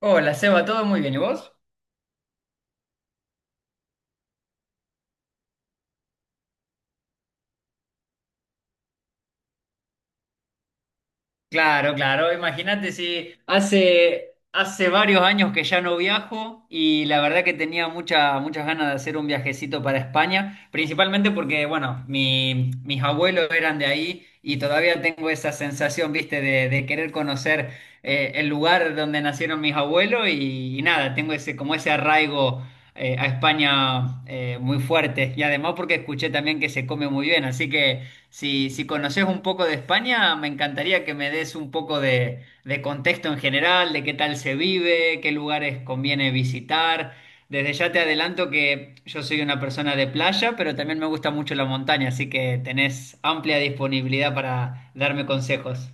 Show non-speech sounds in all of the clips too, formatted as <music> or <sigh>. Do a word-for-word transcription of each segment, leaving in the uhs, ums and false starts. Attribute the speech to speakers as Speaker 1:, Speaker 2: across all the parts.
Speaker 1: Hola, Seba, ¿todo muy bien? ¿Y vos? Claro, claro. Imagínate si hace, hace varios años que ya no viajo y la verdad que tenía mucha- muchas ganas de hacer un viajecito para España, principalmente porque, bueno, mi- mis abuelos eran de ahí y todavía tengo esa sensación, viste, de, de querer conocer eh, el lugar donde nacieron mis abuelos y, y nada, tengo ese, como ese arraigo eh, a España eh, muy fuerte, y además porque escuché también que se come muy bien, así que Si, si conoces un poco de España, me encantaría que me des un poco de, de contexto en general, de qué tal se vive, qué lugares conviene visitar. Desde ya te adelanto que yo soy una persona de playa, pero también me gusta mucho la montaña, así que tenés amplia disponibilidad para darme consejos.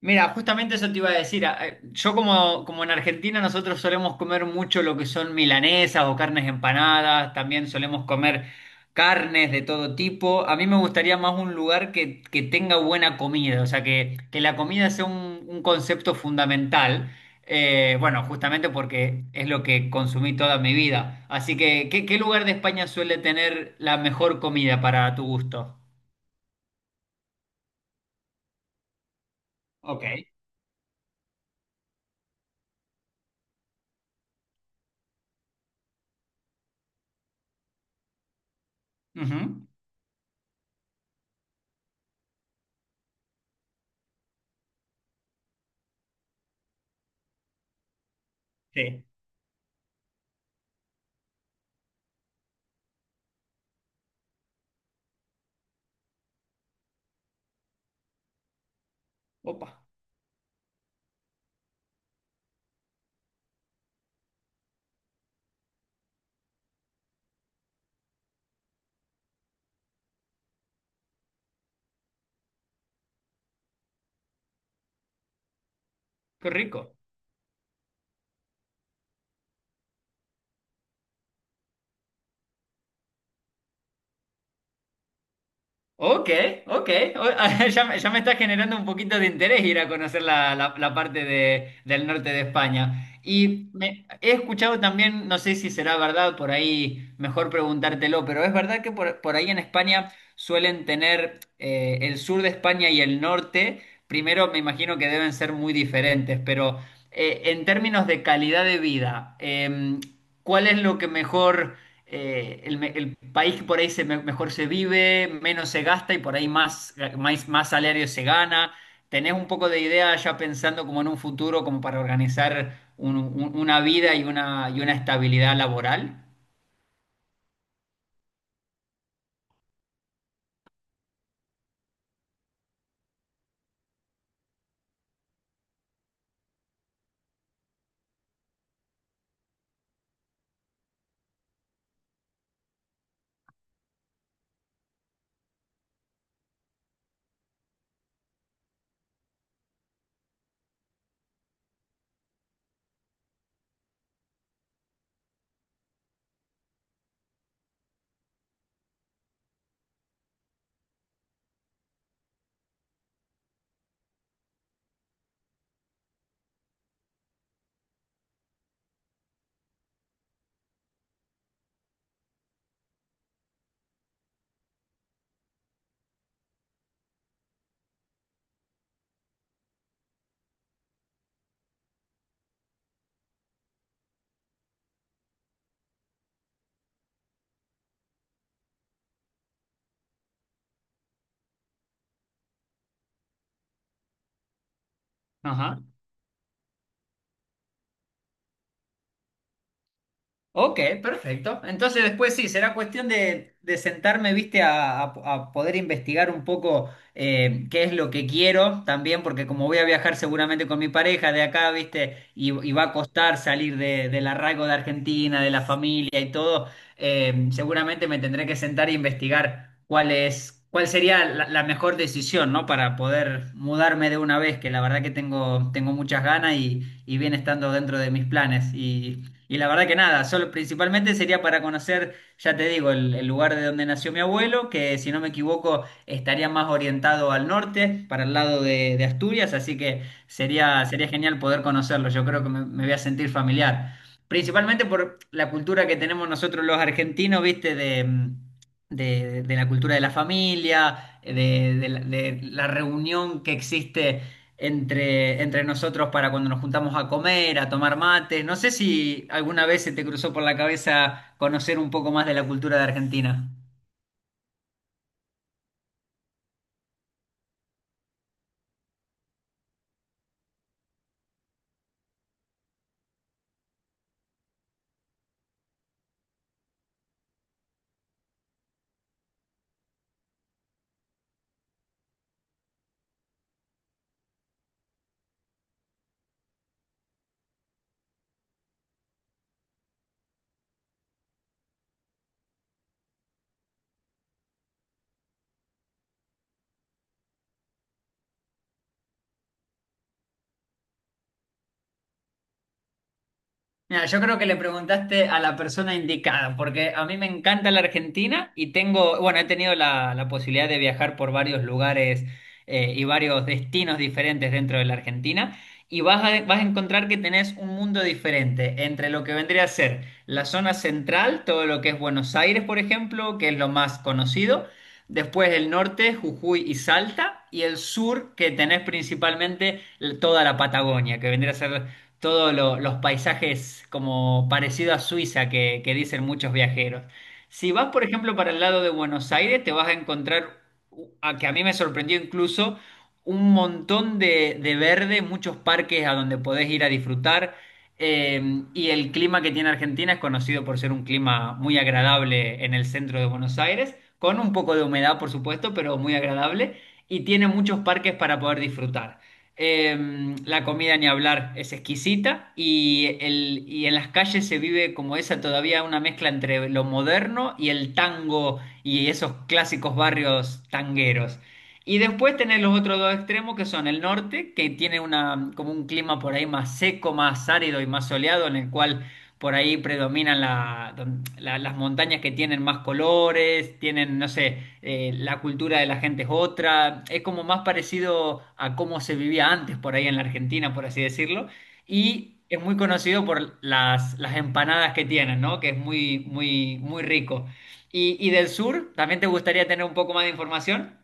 Speaker 1: Mira, justamente eso te iba a decir. A- a- Yo como, como en Argentina nosotros solemos comer mucho lo que son milanesas o carnes empanadas, también solemos comer carnes de todo tipo. A mí me gustaría más un lugar que, que tenga buena comida, o sea, que, que la comida sea un, un concepto fundamental. Eh, bueno, justamente porque es lo que consumí toda mi vida. Así que ¿qué, qué lugar de España suele tener la mejor comida para tu gusto? Ok. Ujú. Sí. Opa, qué rico. Ok, ok. O- <laughs> Ya, me ya me está generando un poquito de interés ir a conocer la, la- la parte de- del norte de España. Y me- he escuchado también, no sé si será verdad, por ahí mejor preguntártelo, pero es verdad que por, por ahí en España suelen tener eh, el sur de España y el norte. Primero me imagino que deben ser muy diferentes, pero eh, en términos de calidad de vida, em, ¿cuál es lo que mejor, eh, el, me- el país que por ahí se me- mejor se vive, menos se gasta y por ahí más, más, más salario se gana? ¿Tenés un poco de idea ya pensando como en un futuro, como para organizar un- un- una vida y una, y una estabilidad laboral? Ajá. Ok, perfecto. Entonces después sí, será cuestión de, de sentarme, viste, a, a- a poder investigar un poco eh, qué es lo que quiero también, porque como voy a viajar seguramente con mi pareja de acá, viste, y, y va a costar salir de- del arraigo de Argentina, de la familia y todo. Eh, seguramente me tendré que sentar e investigar cuál es, cuál sería la, la mejor decisión, ¿no? Para poder mudarme de una vez, que la verdad que tengo, tengo muchas ganas y, y viene estando dentro de mis planes. Y la verdad que nada, solo, principalmente sería para conocer, ya te digo, el, el lugar de donde nació mi abuelo, que si no me equivoco estaría más orientado al norte, para el lado de, de Asturias, así que sería, sería genial poder conocerlo, yo creo que me, me voy a sentir familiar. Principalmente por la cultura que tenemos nosotros los argentinos, viste, de, mm, de, de la cultura de la familia, de, de la de la reunión que existe entre, entre nosotros para cuando nos juntamos a comer, a tomar mates. No sé si alguna vez se te cruzó por la cabeza conocer un poco más de la cultura de Argentina. Mira, yo creo que le preguntaste a la persona indicada, porque a mí me encanta la Argentina y tengo, bueno, he tenido la, la posibilidad de viajar por varios lugares, eh, y varios destinos diferentes dentro de la Argentina, y vas a, vas a encontrar que tenés un mundo diferente entre lo que vendría a ser la zona central, todo lo que es Buenos Aires, por ejemplo, que es lo más conocido, después el norte, Jujuy y Salta, y el sur, que tenés principalmente toda la Patagonia, que vendría a ser todos lo- los paisajes como parecido a Suiza que, que dicen muchos viajeros. Si vas, por ejemplo, para el lado de Buenos Aires, te vas a encontrar, u- a que a mí me sorprendió incluso, un montón de, de verde, muchos parques a donde podés ir a disfrutar. eh, y el clima que tiene Argentina es conocido por ser un clima muy agradable en el centro de Buenos Aires, con un poco de humedad, por supuesto, pero muy agradable, y tiene muchos parques para poder disfrutar. Eh, la comida ni hablar es exquisita, y, el, y en las calles se vive como esa todavía una mezcla entre lo moderno y el tango y esos clásicos barrios tangueros. Y después tenés los otros dos extremos que son el norte, que tiene una, como un clima por ahí más seco, más árido y más soleado, en el cual por ahí predominan la- don- la- las montañas que tienen más colores, tienen, no sé, eh, la cultura de la gente es otra, es como más parecido a cómo se vivía antes por ahí en la Argentina, por así decirlo, y es muy conocido por las, las empanadas que tienen, ¿no? Que es muy, muy, muy rico. Y, y del sur, ¿también te gustaría tener un poco más de información?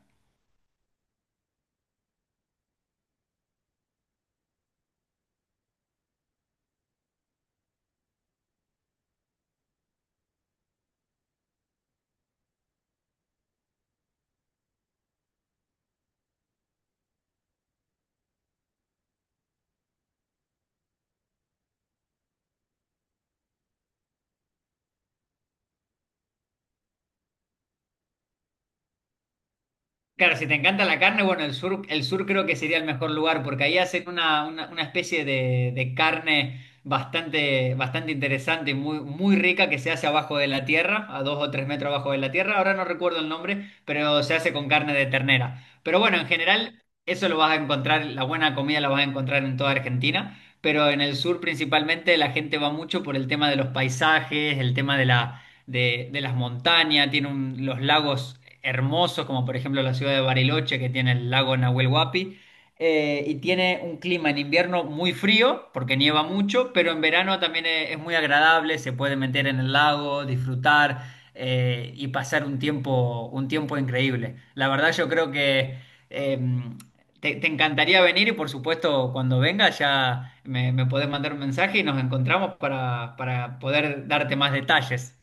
Speaker 1: Claro, si te encanta la carne, bueno, el sur, el sur creo que sería el mejor lugar porque ahí hacen una, una, una especie de, de carne bastante, bastante interesante, muy, muy rica que se hace abajo de la tierra, a dos o tres metros abajo de la tierra. Ahora no recuerdo el nombre, pero se hace con carne de ternera. Pero bueno, en general eso lo vas a encontrar, la buena comida la vas a encontrar en toda Argentina, pero en el sur principalmente la gente va mucho por el tema de los paisajes, el tema de la de, de las montañas, tiene un- los lagos hermosos, como por ejemplo la ciudad de Bariloche, que tiene el lago Nahuel Huapi, eh, y tiene un clima en invierno muy frío, porque nieva mucho, pero en verano también es, es muy agradable, se puede meter en el lago, disfrutar eh, y pasar un tiempo, un tiempo increíble. La verdad yo creo que... em, te, te encantaría venir y por supuesto cuando vengas ya me, me podés mandar un mensaje y nos encontramos para, para poder darte más detalles.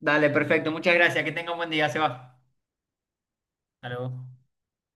Speaker 1: Dale, perfecto. Muchas gracias. Que tenga un buen día. Se va. Hasta luego.